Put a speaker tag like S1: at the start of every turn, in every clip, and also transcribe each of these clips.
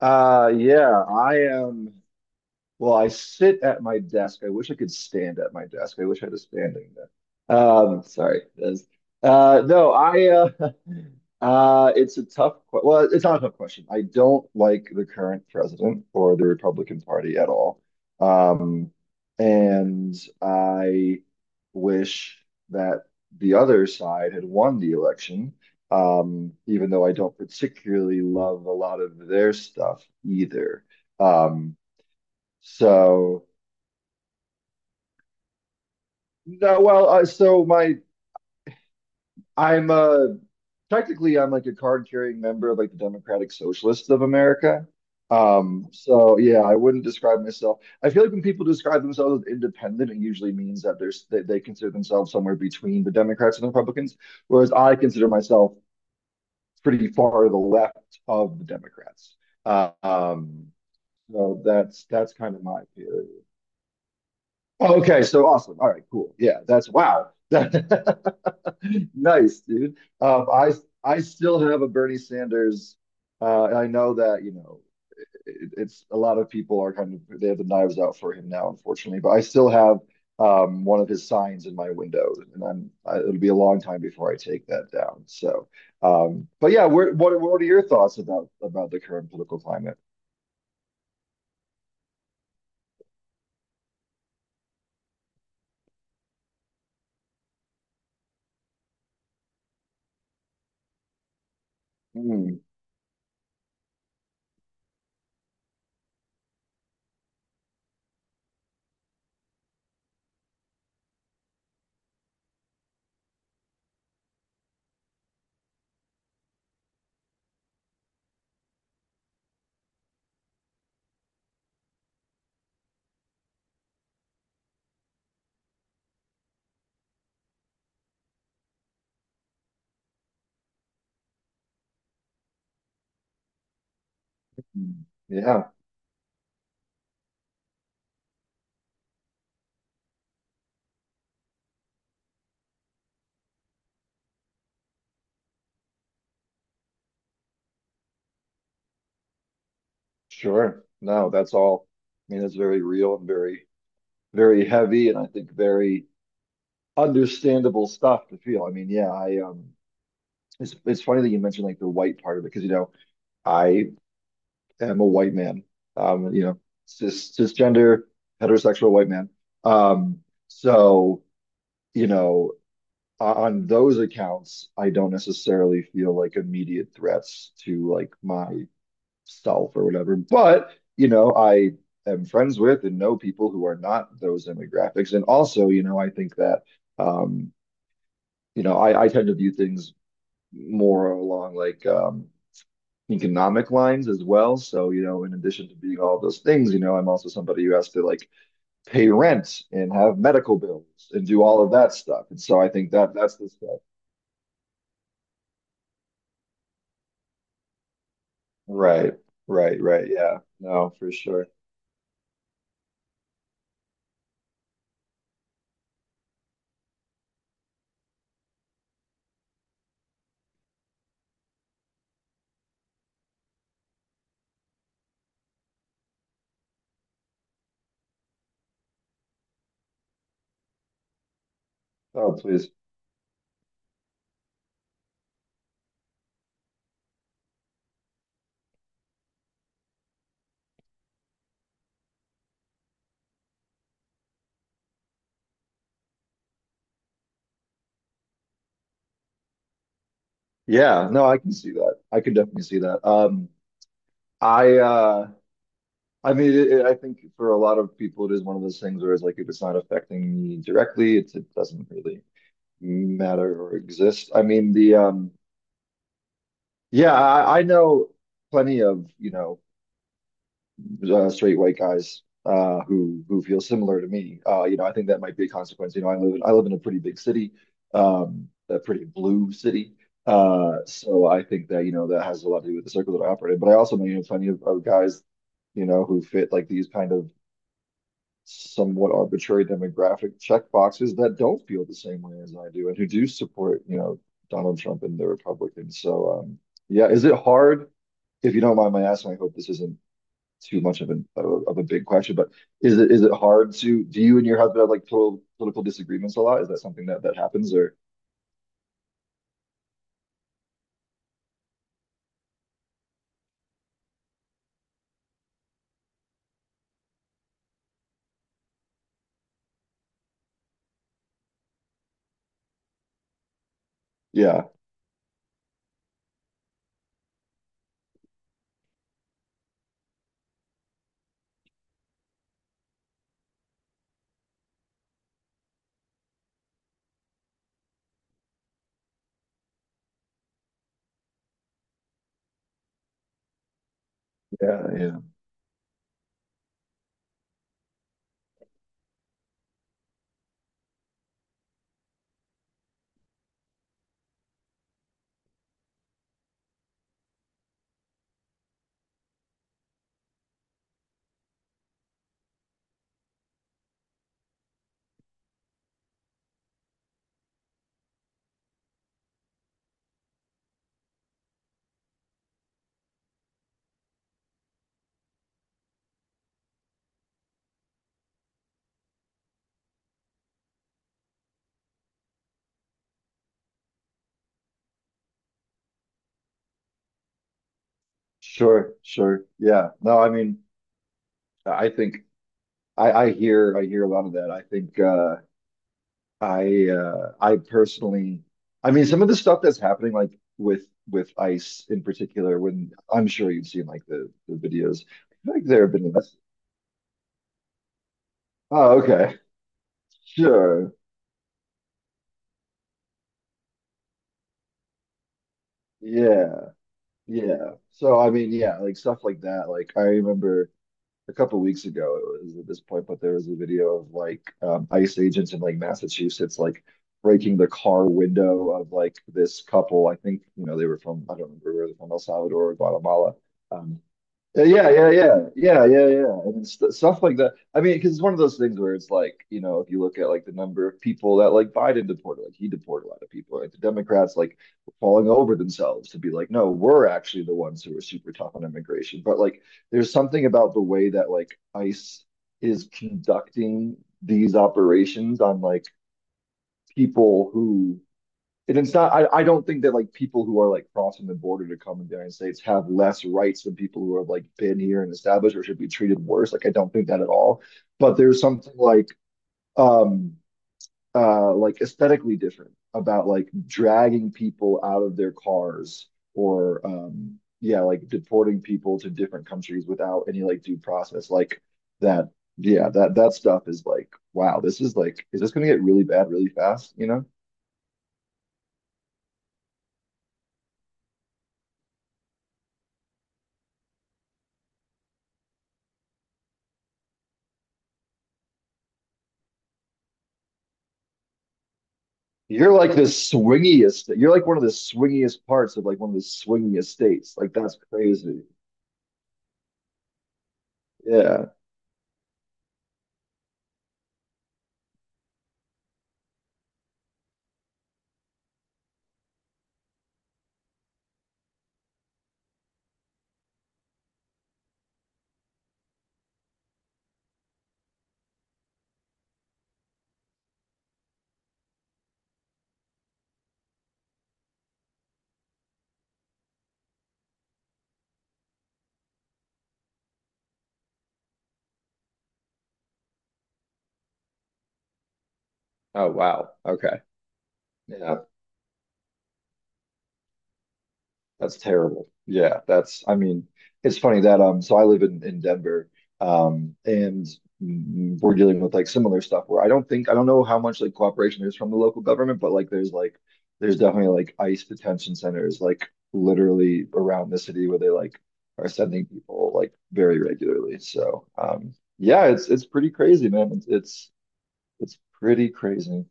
S1: Yeah, I am. Well, I sit at my desk. I wish I could stand at my desk. I wish I had a standing desk. Sorry. That's- no, I. It's a tough. Que- Well, it's not a tough question. I don't like the current president or the Republican Party at all. Um, and I wish that the other side had won the election. Even though I don't particularly love a lot of their stuff either. Um, so no, well, so my I'm Technically I'm like a card carrying member of like the Democratic Socialists of America. Yeah, I wouldn't describe myself. I feel like when people describe themselves as independent, it usually means that they consider themselves somewhere between the Democrats and the Republicans, whereas I consider myself pretty far to the left of the Democrats. Uh, um, so that's kind of my theory. Oh, okay, so awesome. All right, cool. Yeah, that's wow. Nice, dude. Um, I I still have a Bernie Sanders. And I know that, it, it's a lot of people are kind of they have the knives out for him now, unfortunately. But I still have one of his signs in my window, and it'll be a long time before I take that down. But yeah, where, what are your thoughts about the current political climate? Mm, mm, yeah. Sure. No, that's all. I mean, it's very real and very, very heavy, and I think very understandable stuff to feel. I mean, yeah, I it's funny that you mentioned like the white part of it because you know I am a white man, you know, cisgender heterosexual white man. Um, so you know, on those accounts, I don't necessarily feel like immediate threats to like my self or whatever. But, you know, I am friends with and know people who are not those demographics. And also, you know, I think that, um, you know, I tend to view things more along like economic lines as well. So, you know, in addition to being all those things, you know, I'm also somebody who has to like pay rent and have medical bills and do all of that stuff. And so I think that that's the stuff. Right, right, right. Yeah, no, for sure. Oh, please. Yeah, no, I can see that. I can definitely see that. I uh I mean I think for a lot of people it is one of those things where it's like if it's not affecting me directly, it doesn't really matter or exist. I mean the Yeah, I know plenty of, you know, straight white guys who feel similar to me. You know, I think that might be a consequence. I live in a pretty big city, a pretty blue city. So I think that, you know, that has a lot to do with the circle that I operate in. But I also know, you know, plenty of guys you know, who fit like these kind of somewhat arbitrary demographic checkboxes that don't feel the same way as I do and who do support, you know, Donald Trump and the Republicans. Yeah, is it hard? If you don't mind my asking, I hope this isn't too much of an of of a big question, but is it hard to do you and your husband have like total political disagreements a lot? Is that something that that happens or yeah, yeah, yeah. Sure, sure. Yeah. No, I mean, I think I hear a lot of that. I personally I mean some of the stuff that's happening like with ICE in particular when I'm sure you've seen like the videos. I think there have been less. Oh, okay. Sure. Yeah. Yeah. So I mean, yeah, like stuff like that. Like I remember a couple weeks ago it was at this point, but there was a video of like ICE agents in like Massachusetts like breaking the car window of like this couple. I think, you know, they were from I don't remember where they were from El Salvador or Guatemala. Um, Yeah, yeah, yeah, yeah, yeah, yeah, yeah. and st stuff like that. I mean, because it's one of those things where it's like, you know, if you look at like the number of people that like Biden deported, like he deported a lot of people, like the Democrats like falling over themselves to be like, no, we're actually the ones who are super tough on immigration. But like, there's something about the way that like ICE is conducting these operations on like people who and it's not I don't think that like people who are like crossing the border to come in the United States have less rights than people who have like been here and established or should be treated worse. Like I don't think that at all. But there's something um like aesthetically different about like dragging people out of their cars or yeah, like deporting people to different countries without any like due process. Like that, yeah, that that stuff is like, wow, this is like, is this gonna get really bad really fast, you know? You're like the swingiest. You're like one of the swingiest parts of like one of the swingiest states. Like that's crazy. Yeah. Oh wow. Okay. Yeah. That's terrible. Yeah, that's, I mean, it's funny that so I live in Denver and we're dealing with like similar stuff where I don't know how much like cooperation there's from the local government, but like there's definitely like ICE detention centers like literally around the city where they like are sending people like very regularly. Yeah, it's pretty crazy, man. It's pretty crazy.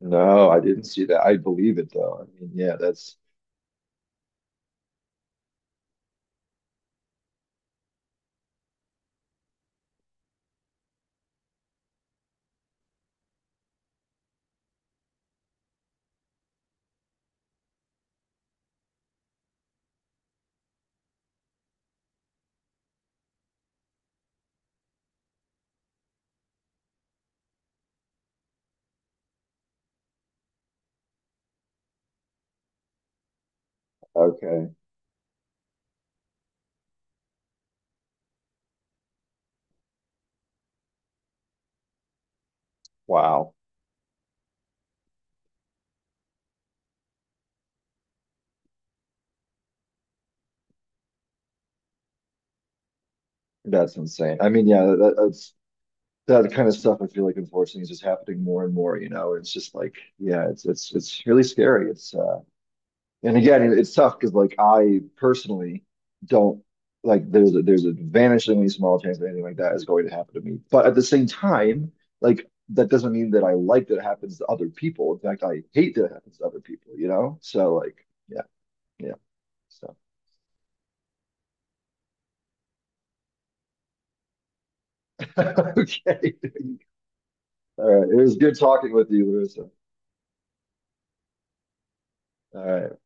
S1: No, I didn't see that. I believe it though. I mean, yeah, that's okay. Wow. That's insane. I mean, yeah, that's that kind of stuff. I feel like unfortunately is just happening more and more. You know, it's just like, yeah, it's really scary. It's And again, it's tough because like I personally don't like there's there's a vanishingly small chance that anything like that is going to happen to me. But at the same time, like that doesn't mean that I like that it happens to other people. In fact, I hate that it happens to other people. You know, so like, yeah, yeah. So okay, all right. It was good talking with you, Larissa. All right.